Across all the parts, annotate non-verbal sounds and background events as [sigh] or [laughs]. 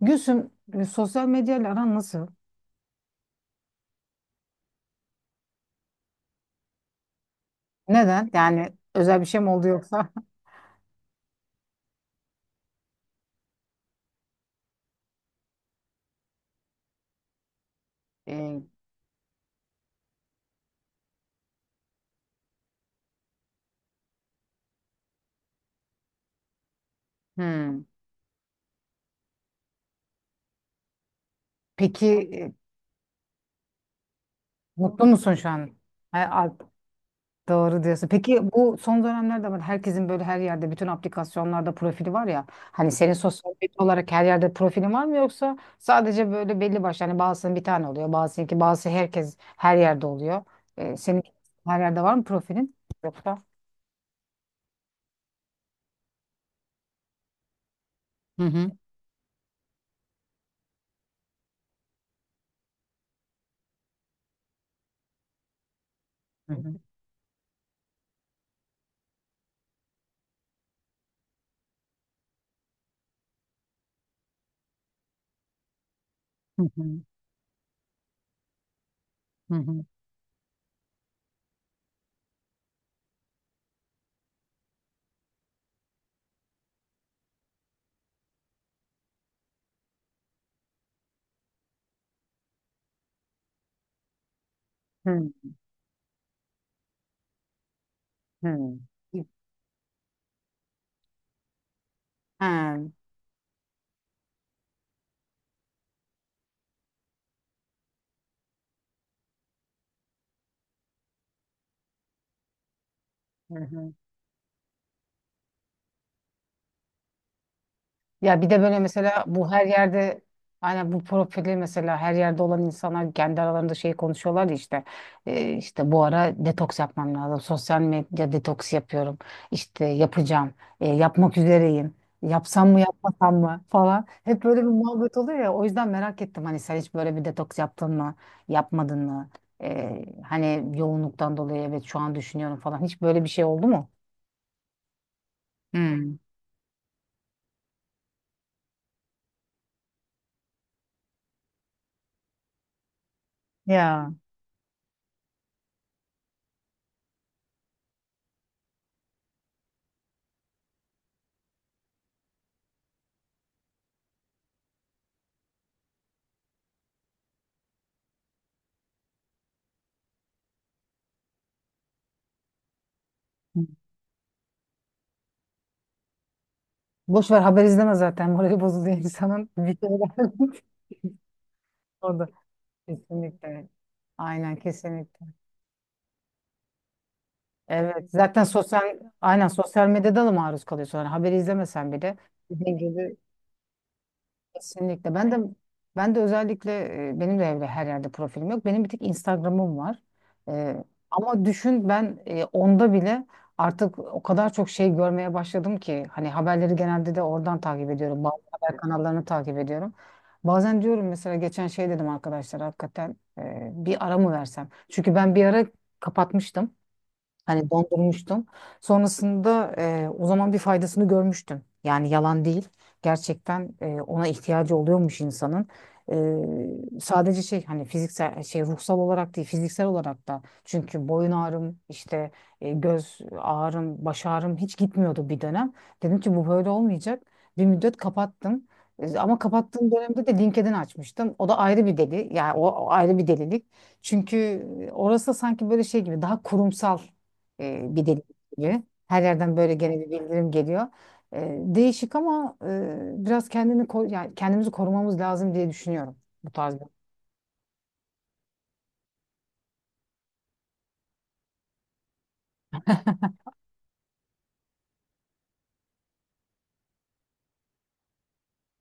Gülsüm, sosyal medyayla aran nasıl? Neden? Yani özel bir şey mi oldu yoksa? [laughs] E, hmm. Peki e, mutlu musun şu an? Ha, doğru diyorsun. Peki bu son dönemlerde var. Herkesin böyle her yerde bütün aplikasyonlarda profili var ya. Hani senin sosyal medya olarak her yerde profilin var mı yoksa sadece böyle belli başlı hani bazısının bir tane oluyor, bazısınınki bazısı herkes her yerde oluyor. Senin her yerde var mı profilin? Yoksa? Hı hı. Hı hı. Hı hı. Hı hı. Hı hı. Ha. Hı hı. Ya bir de böyle mesela bu her yerde aynen bu profili mesela her yerde olan insanlar kendi aralarında şey konuşuyorlar ya işte işte bu ara detoks yapmam lazım. Sosyal medya detoks yapıyorum. İşte yapacağım. Yapmak üzereyim. Yapsam mı yapmasam mı falan. Hep böyle bir muhabbet oluyor ya. O yüzden merak ettim hani sen hiç böyle bir detoks yaptın mı? Yapmadın mı? Hani yoğunluktan dolayı evet şu an düşünüyorum falan. Hiç böyle bir şey oldu mu? Hmm. Ya. Boş ver haber izleme zaten. [laughs] Morali bozuluyor insanın. Bitirirler. [laughs] Orada. Kesinlikle. Aynen kesinlikle. Evet. Zaten sosyal aynen sosyal medyada da maruz kalıyor sonra. Haberi izlemesen bile. Dediğin gibi. Kesinlikle. Ben de özellikle benim de evde her yerde profilim yok. Benim bir tek Instagram'ım var. E, Ama düşün ben onda bile artık o kadar çok şey görmeye başladım ki hani haberleri genelde de oradan takip ediyorum. Bazı haber kanallarını takip ediyorum. Bazen diyorum mesela geçen şey dedim arkadaşlar hakikaten bir ara mı versem? Çünkü ben bir ara kapatmıştım. Hani dondurmuştum. Sonrasında o zaman bir faydasını görmüştüm. Yani yalan değil. Gerçekten ona ihtiyacı oluyormuş insanın. Sadece şey hani fiziksel şey ruhsal olarak değil fiziksel olarak da. Çünkü boyun ağrım işte göz ağrım baş ağrım hiç gitmiyordu bir dönem. Dedim ki bu böyle olmayacak. Bir müddet kapattım. Ama kapattığım dönemde de LinkedIn açmıştım. O da ayrı bir deli. Yani o ayrı bir delilik. Çünkü orası sanki böyle şey gibi daha kurumsal bir deli geliyor. Her yerden böyle gene bir bildirim geliyor. Değişik ama biraz kendini yani kendimizi korumamız lazım diye düşünüyorum bu tarzda.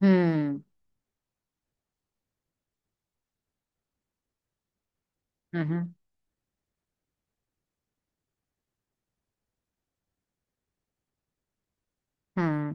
Hmm. Hı hı. Hı.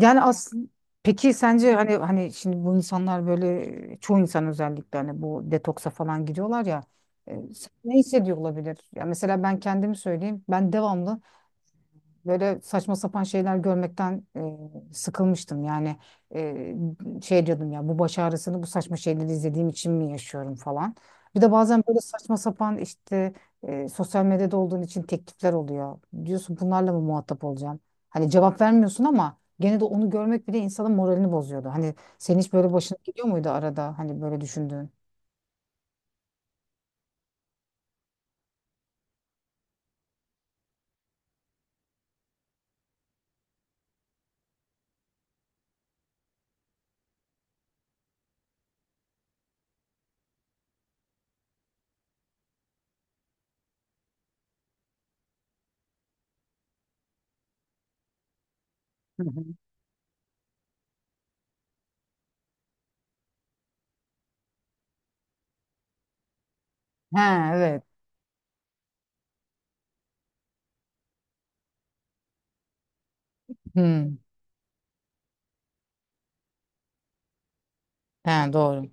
Yani aslında peki sence hani şimdi bu insanlar böyle çoğu insan özellikle hani bu detoksa falan gidiyorlar ya sen ne hissediyor olabilir? Ya mesela ben kendimi söyleyeyim. Ben devamlı böyle saçma sapan şeyler görmekten sıkılmıştım. Yani e, şey diyordum ya bu baş ağrısını bu saçma şeyleri izlediğim için mi yaşıyorum falan. Bir de bazen böyle saçma sapan işte sosyal medyada olduğun için teklifler oluyor. Diyorsun bunlarla mı muhatap olacağım? Hani cevap vermiyorsun ama gene de onu görmek bile insanın moralini bozuyordu. Hani senin hiç böyle başına gidiyor muydu arada hani böyle düşündüğün? Hı hı. He evet. Hmm. He doğru.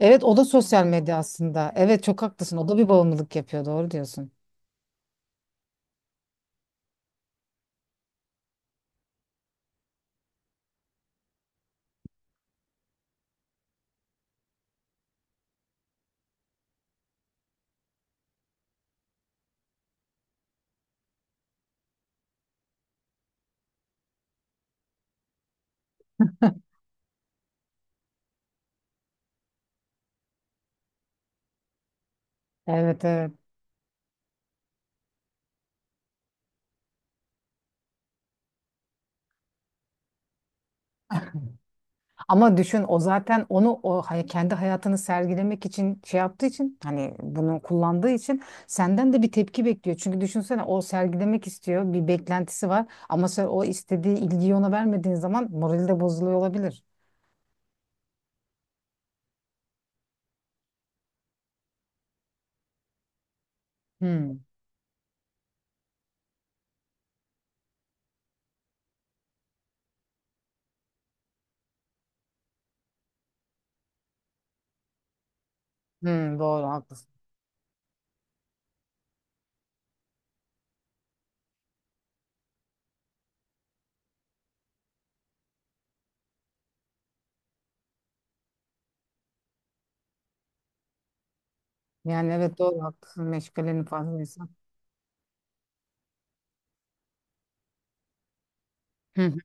Evet o da sosyal medya aslında. Evet çok haklısın. O da bir bağımlılık yapıyor. Doğru diyorsun. [laughs] Evet evet. Ama düşün o zaten onu kendi hayatını sergilemek için şey yaptığı için hani bunu kullandığı için senden de bir tepki bekliyor. Çünkü düşünsene o sergilemek istiyor. Bir beklentisi var ama sen o istediği ilgiyi ona vermediğin zaman morali de bozuluyor olabilir. Hmm. Hmm, doğru haklısın. Yani evet doğru haklısın. Meşgalenin fazlaysa. Hı hı,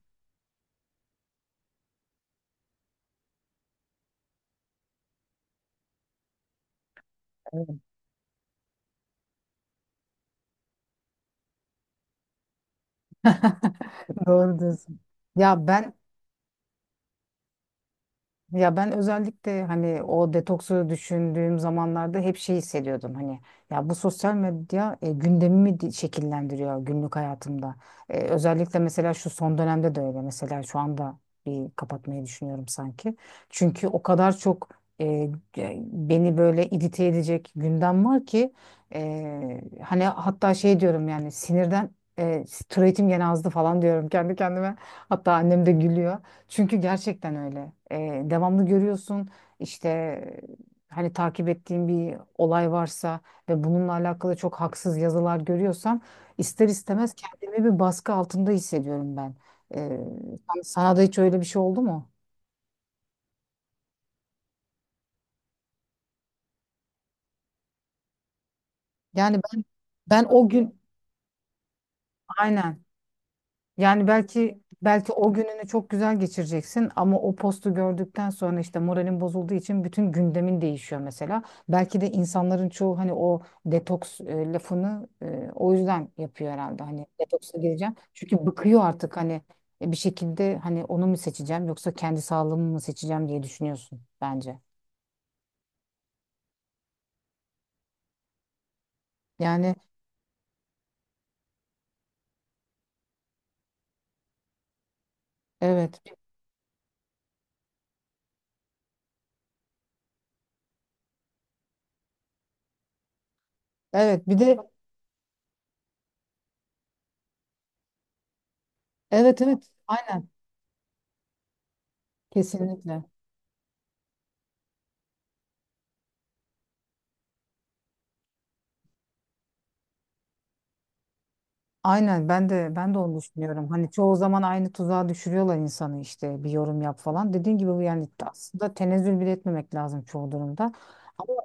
evet. [laughs] Doğru diyorsun. Ya ben Ya ben özellikle hani o detoksu düşündüğüm zamanlarda hep şey hissediyordum hani ya bu sosyal medya gündemimi şekillendiriyor günlük hayatımda. Özellikle mesela şu son dönemde de öyle mesela şu anda bir kapatmayı düşünüyorum sanki. Çünkü o kadar çok e, beni böyle irite edecek gündem var ki hani hatta şey diyorum yani sinirden türetim gene azdı falan diyorum kendi kendime. Hatta annem de gülüyor. Çünkü gerçekten öyle. Devamlı görüyorsun işte hani takip ettiğim bir olay varsa ve bununla alakalı çok haksız yazılar görüyorsam ister istemez kendimi bir baskı altında hissediyorum ben. Ee, Sana da hiç öyle bir şey oldu mu? Yani ben o gün aynen. Yani belki belki o gününü çok güzel geçireceksin ama o postu gördükten sonra işte moralin bozulduğu için bütün gündemin değişiyor mesela. Belki de insanların çoğu hani o detoks lafını o yüzden yapıyor herhalde. Hani detoksa gireceğim. Çünkü bıkıyor artık hani bir şekilde hani onu mu seçeceğim yoksa kendi sağlığımı mı seçeceğim diye düşünüyorsun bence. Yani evet. Evet bir de evet evet aynen kesinlikle. Aynen ben de onu düşünüyorum. Hani çoğu zaman aynı tuzağa düşürüyorlar insanı işte bir yorum yap falan. Dediğin gibi bu yani aslında tenezzül bile etmemek lazım çoğu durumda. Ama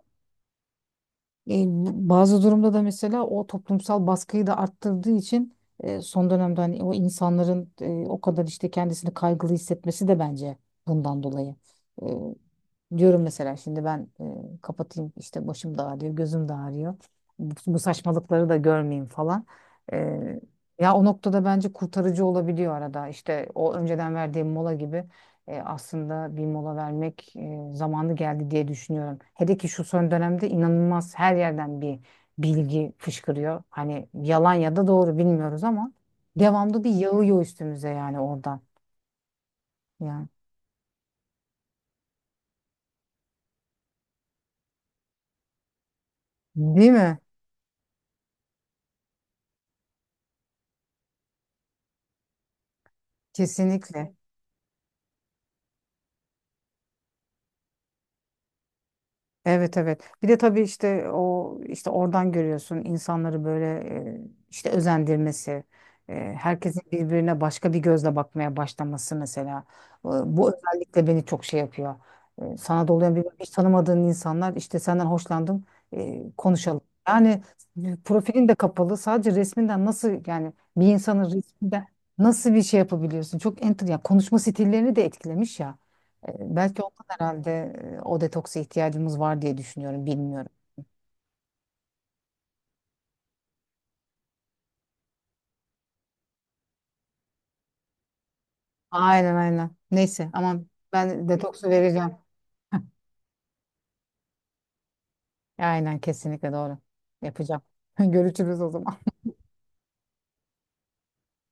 bazı durumda da mesela o toplumsal baskıyı da arttırdığı için son dönemde hani o insanların o kadar işte kendisini kaygılı hissetmesi de bence bundan dolayı. e, Diyorum mesela şimdi ben kapatayım işte başım da ağrıyor, gözüm de ağrıyor. Bu saçmalıkları da görmeyeyim falan. E, Ya o noktada bence kurtarıcı olabiliyor arada. İşte o önceden verdiğim mola gibi aslında bir mola vermek zamanı geldi diye düşünüyorum. Hele ki şu son dönemde inanılmaz her yerden bir bilgi fışkırıyor. Hani yalan ya da doğru bilmiyoruz ama devamlı bir yağıyor üstümüze yani oradan. Yani, değil mi? Kesinlikle. Evet evet. Bir de tabii işte o işte oradan görüyorsun insanları böyle e, işte özendirmesi, herkesin birbirine başka bir gözle bakmaya başlaması mesela. Bu özellikle beni çok şey yapıyor. Sana dolayan bir hiç tanımadığın insanlar işte senden hoşlandım konuşalım. Yani profilin de kapalı sadece resminden nasıl yani bir insanın resminden nasıl bir şey yapabiliyorsun? Çok enter yani konuşma stillerini de etkilemiş ya. Belki herhalde o detoksa ihtiyacımız var diye düşünüyorum. Bilmiyorum. Aynen aynen. Neyse ama ben detoksu vereceğim. [laughs] Aynen kesinlikle doğru. Yapacağım. [laughs] Görüşürüz o zaman.